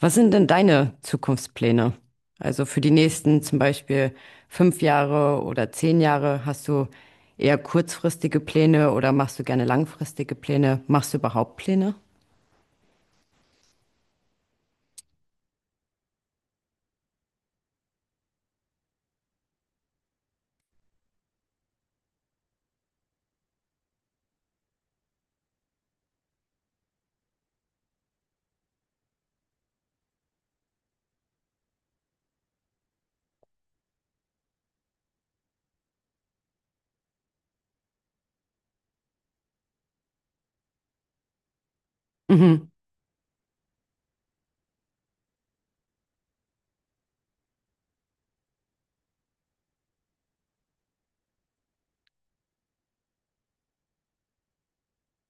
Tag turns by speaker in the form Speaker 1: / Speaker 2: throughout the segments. Speaker 1: Was sind denn deine Zukunftspläne? Also für die nächsten zum Beispiel 5 Jahre oder 10 Jahre, hast du eher kurzfristige Pläne oder machst du gerne langfristige Pläne? Machst du überhaupt Pläne? Mhm.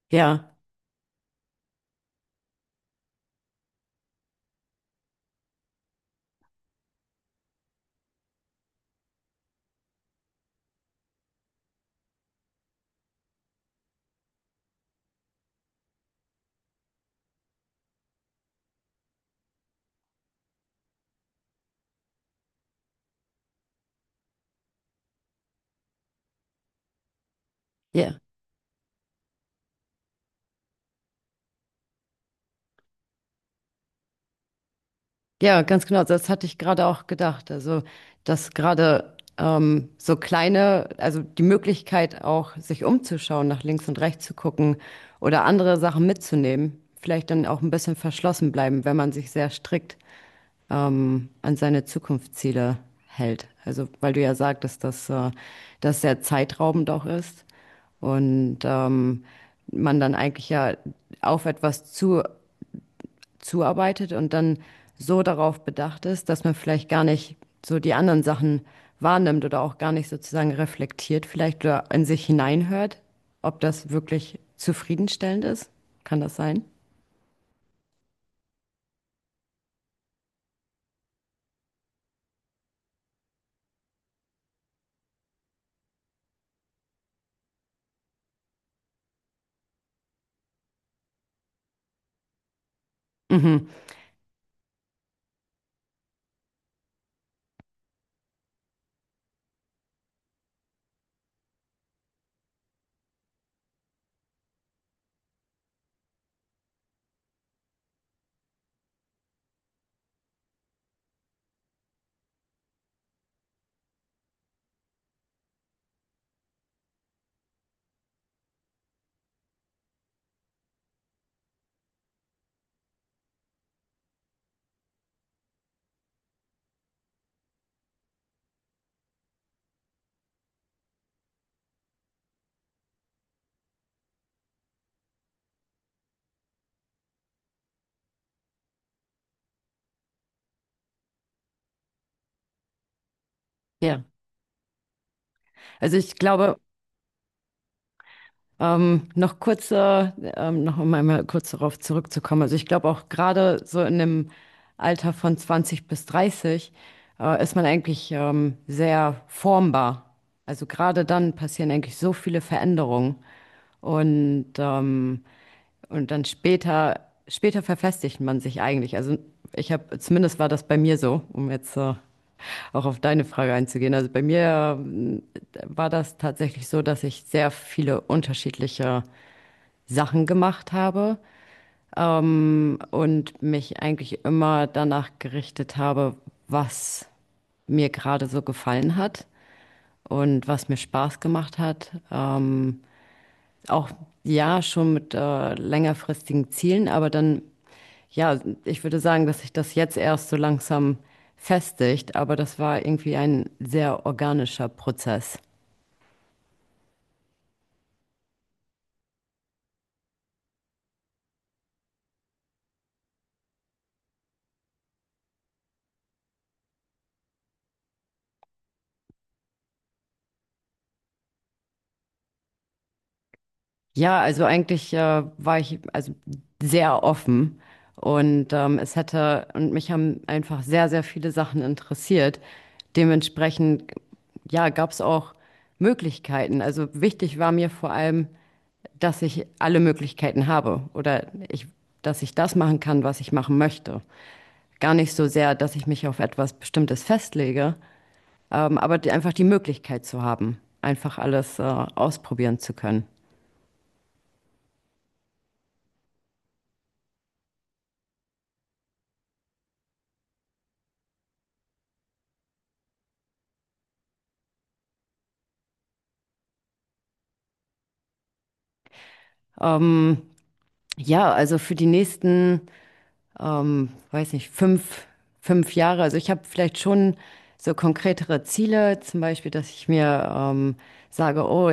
Speaker 1: Ja, ja, ja, ganz genau. Das hatte ich gerade auch gedacht. Also, dass gerade so kleine, also die Möglichkeit auch, sich umzuschauen, nach links und rechts zu gucken oder andere Sachen mitzunehmen, vielleicht dann auch ein bisschen verschlossen bleiben, wenn man sich sehr strikt an seine Zukunftsziele hält. Also, weil du ja sagtest, dass das sehr zeitraubend auch ist und man dann eigentlich ja auf zuarbeitet und dann so darauf bedacht ist, dass man vielleicht gar nicht so die anderen Sachen wahrnimmt oder auch gar nicht sozusagen reflektiert vielleicht oder in sich hineinhört, ob das wirklich zufriedenstellend ist. Kann das sein? Mhm. Ja. Also ich glaube, noch noch um einmal kurz darauf zurückzukommen. Also ich glaube auch gerade so in dem Alter von 20 bis 30 ist man eigentlich sehr formbar. Also gerade dann passieren eigentlich so viele Veränderungen und ähm, und dann später verfestigt man sich eigentlich. Also ich habe zumindest war das bei mir so, um jetzt auch auf deine Frage einzugehen. Also bei mir war das tatsächlich so, dass ich sehr viele unterschiedliche Sachen gemacht habe, und mich eigentlich immer danach gerichtet habe, was mir gerade so gefallen hat und was mir Spaß gemacht hat. Auch ja, schon mit längerfristigen Zielen, aber dann, ja, ich würde sagen, dass sich das jetzt erst so langsam festigt, aber das war irgendwie ein sehr organischer Prozess. Ja, also eigentlich war ich also sehr offen und es hätte und mich haben einfach sehr, sehr viele Sachen interessiert. Dementsprechend, ja, gab es auch Möglichkeiten. Also wichtig war mir vor allem, dass ich alle Möglichkeiten habe oder ich, dass ich das machen kann, was ich machen möchte. Gar nicht so sehr, dass ich mich auf etwas Bestimmtes festlege, aber die, einfach die Möglichkeit zu haben, einfach alles ausprobieren zu können. Ähm, Ja, also für die nächsten, weiß nicht, fünf Jahre. Also ich habe vielleicht schon so konkretere Ziele, zum Beispiel, dass ich mir sage, oh,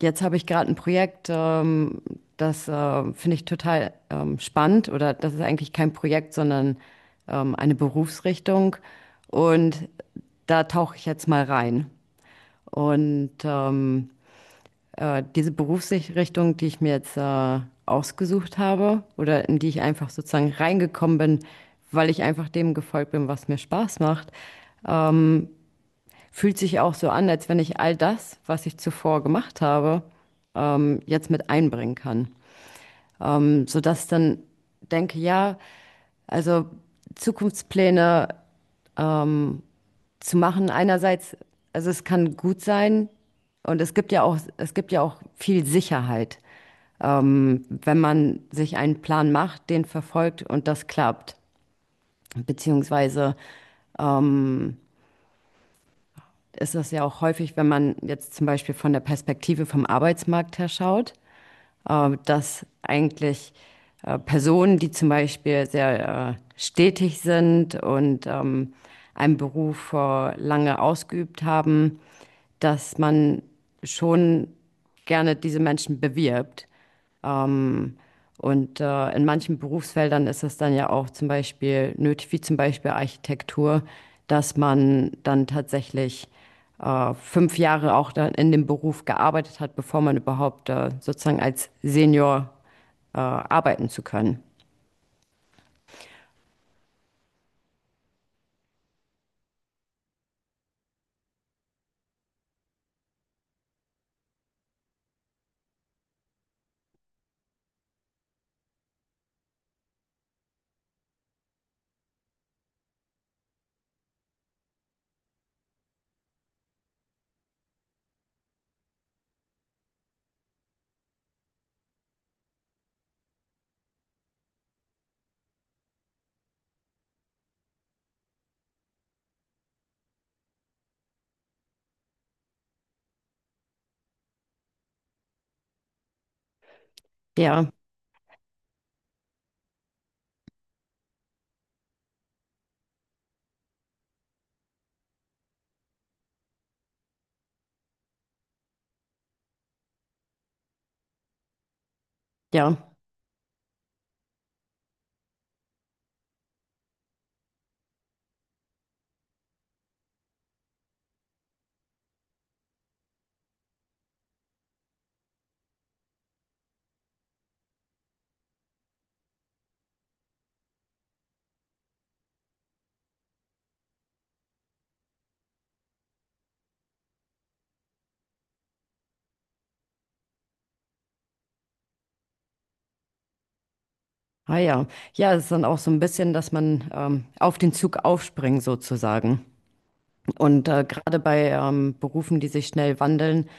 Speaker 1: jetzt habe ich gerade ein Projekt, das finde ich total spannend oder das ist eigentlich kein Projekt, sondern eine Berufsrichtung und da tauche ich jetzt mal rein. Und diese Berufsrichtung, die ich mir jetzt ausgesucht habe oder in die ich einfach sozusagen reingekommen bin, weil ich einfach dem gefolgt bin, was mir Spaß macht, fühlt sich auch so an, als wenn ich all das, was ich zuvor gemacht habe, jetzt mit einbringen kann. Sodass dann denke, ja, also Zukunftspläne zu machen, einerseits, also es kann gut sein und es gibt ja auch viel Sicherheit, wenn man sich einen Plan macht, den verfolgt und das klappt. Beziehungsweise ähm, ist das ja auch häufig, wenn man jetzt zum Beispiel von der Perspektive vom Arbeitsmarkt her schaut, dass eigentlich Personen, die zum Beispiel sehr stetig sind und einen Beruf lange ausgeübt haben, dass man schon gerne diese Menschen bewirbt. Und in manchen Berufsfeldern ist es dann ja auch zum Beispiel nötig, wie zum Beispiel Architektur, dass man dann tatsächlich 5 Jahre auch dann in dem Beruf gearbeitet hat, bevor man überhaupt sozusagen als Senior arbeiten zu können. Ja, ja, ah ja. Ja, es ist dann auch so ein bisschen, dass man auf den Zug aufspringt sozusagen. Und gerade bei Berufen, die sich schnell wandeln,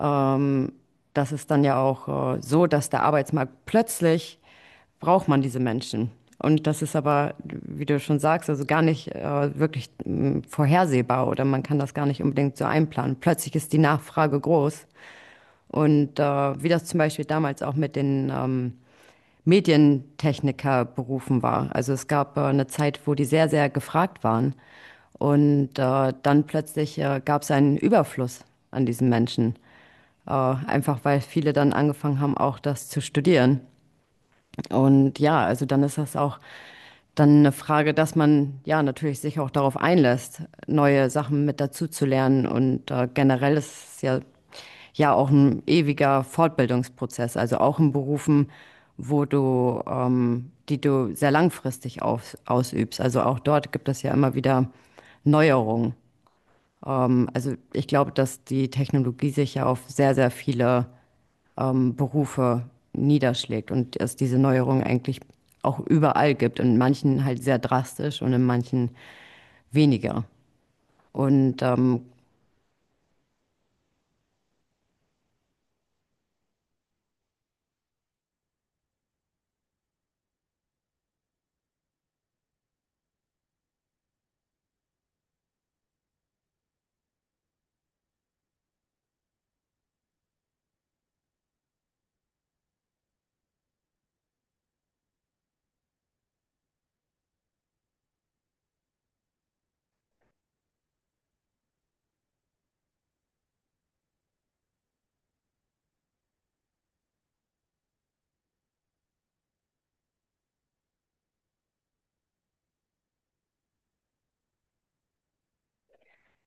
Speaker 1: ähm, das ist dann ja auch so, dass der Arbeitsmarkt plötzlich braucht man diese Menschen. Und das ist aber, wie du schon sagst, also gar nicht wirklich vorhersehbar oder man kann das gar nicht unbedingt so einplanen. Plötzlich ist die Nachfrage groß. Und wie das zum Beispiel damals auch mit den Medientechniker berufen war. Also es gab eine Zeit, wo die sehr, sehr gefragt waren. Und dann plötzlich gab es einen Überfluss an diesen Menschen. Einfach weil viele dann angefangen haben, auch das zu studieren. Und ja, also dann ist das auch dann eine Frage, dass man ja natürlich sich auch darauf einlässt, neue Sachen mit dazu zu lernen. Und generell ja auch ein ewiger Fortbildungsprozess, also auch in Berufen, wo die du sehr langfristig ausübst. Also auch dort gibt es ja immer wieder Neuerungen. Also ich glaube, dass die Technologie sich ja auf sehr, sehr viele Berufe niederschlägt und es diese Neuerung eigentlich auch überall gibt. In manchen halt sehr drastisch und in manchen weniger. Und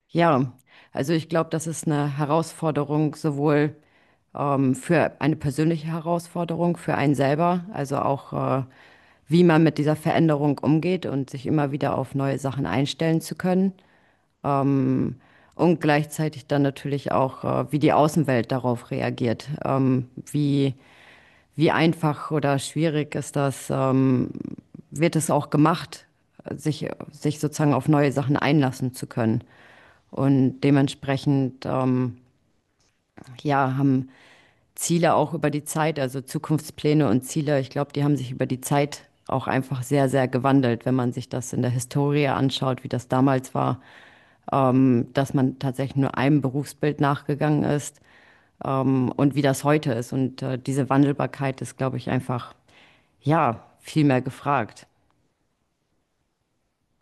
Speaker 1: ja, also ich glaube, das ist eine Herausforderung sowohl für eine persönliche Herausforderung für einen selber, also auch wie man mit dieser Veränderung umgeht und sich immer wieder auf neue Sachen einstellen zu können. Ähm, und gleichzeitig dann natürlich auch, wie die Außenwelt darauf reagiert. Wie einfach oder schwierig ist das? Wird es auch gemacht, sich sozusagen auf neue Sachen einlassen zu können? Und dementsprechend, ja, haben Ziele auch über die Zeit, also Zukunftspläne und Ziele, ich glaube, die haben sich über die Zeit auch einfach sehr, sehr gewandelt, wenn man sich das in der Historie anschaut, wie das damals war, dass man tatsächlich nur einem Berufsbild nachgegangen ist, und wie das heute ist. Und diese Wandelbarkeit ist, glaube ich, einfach, ja, viel mehr gefragt.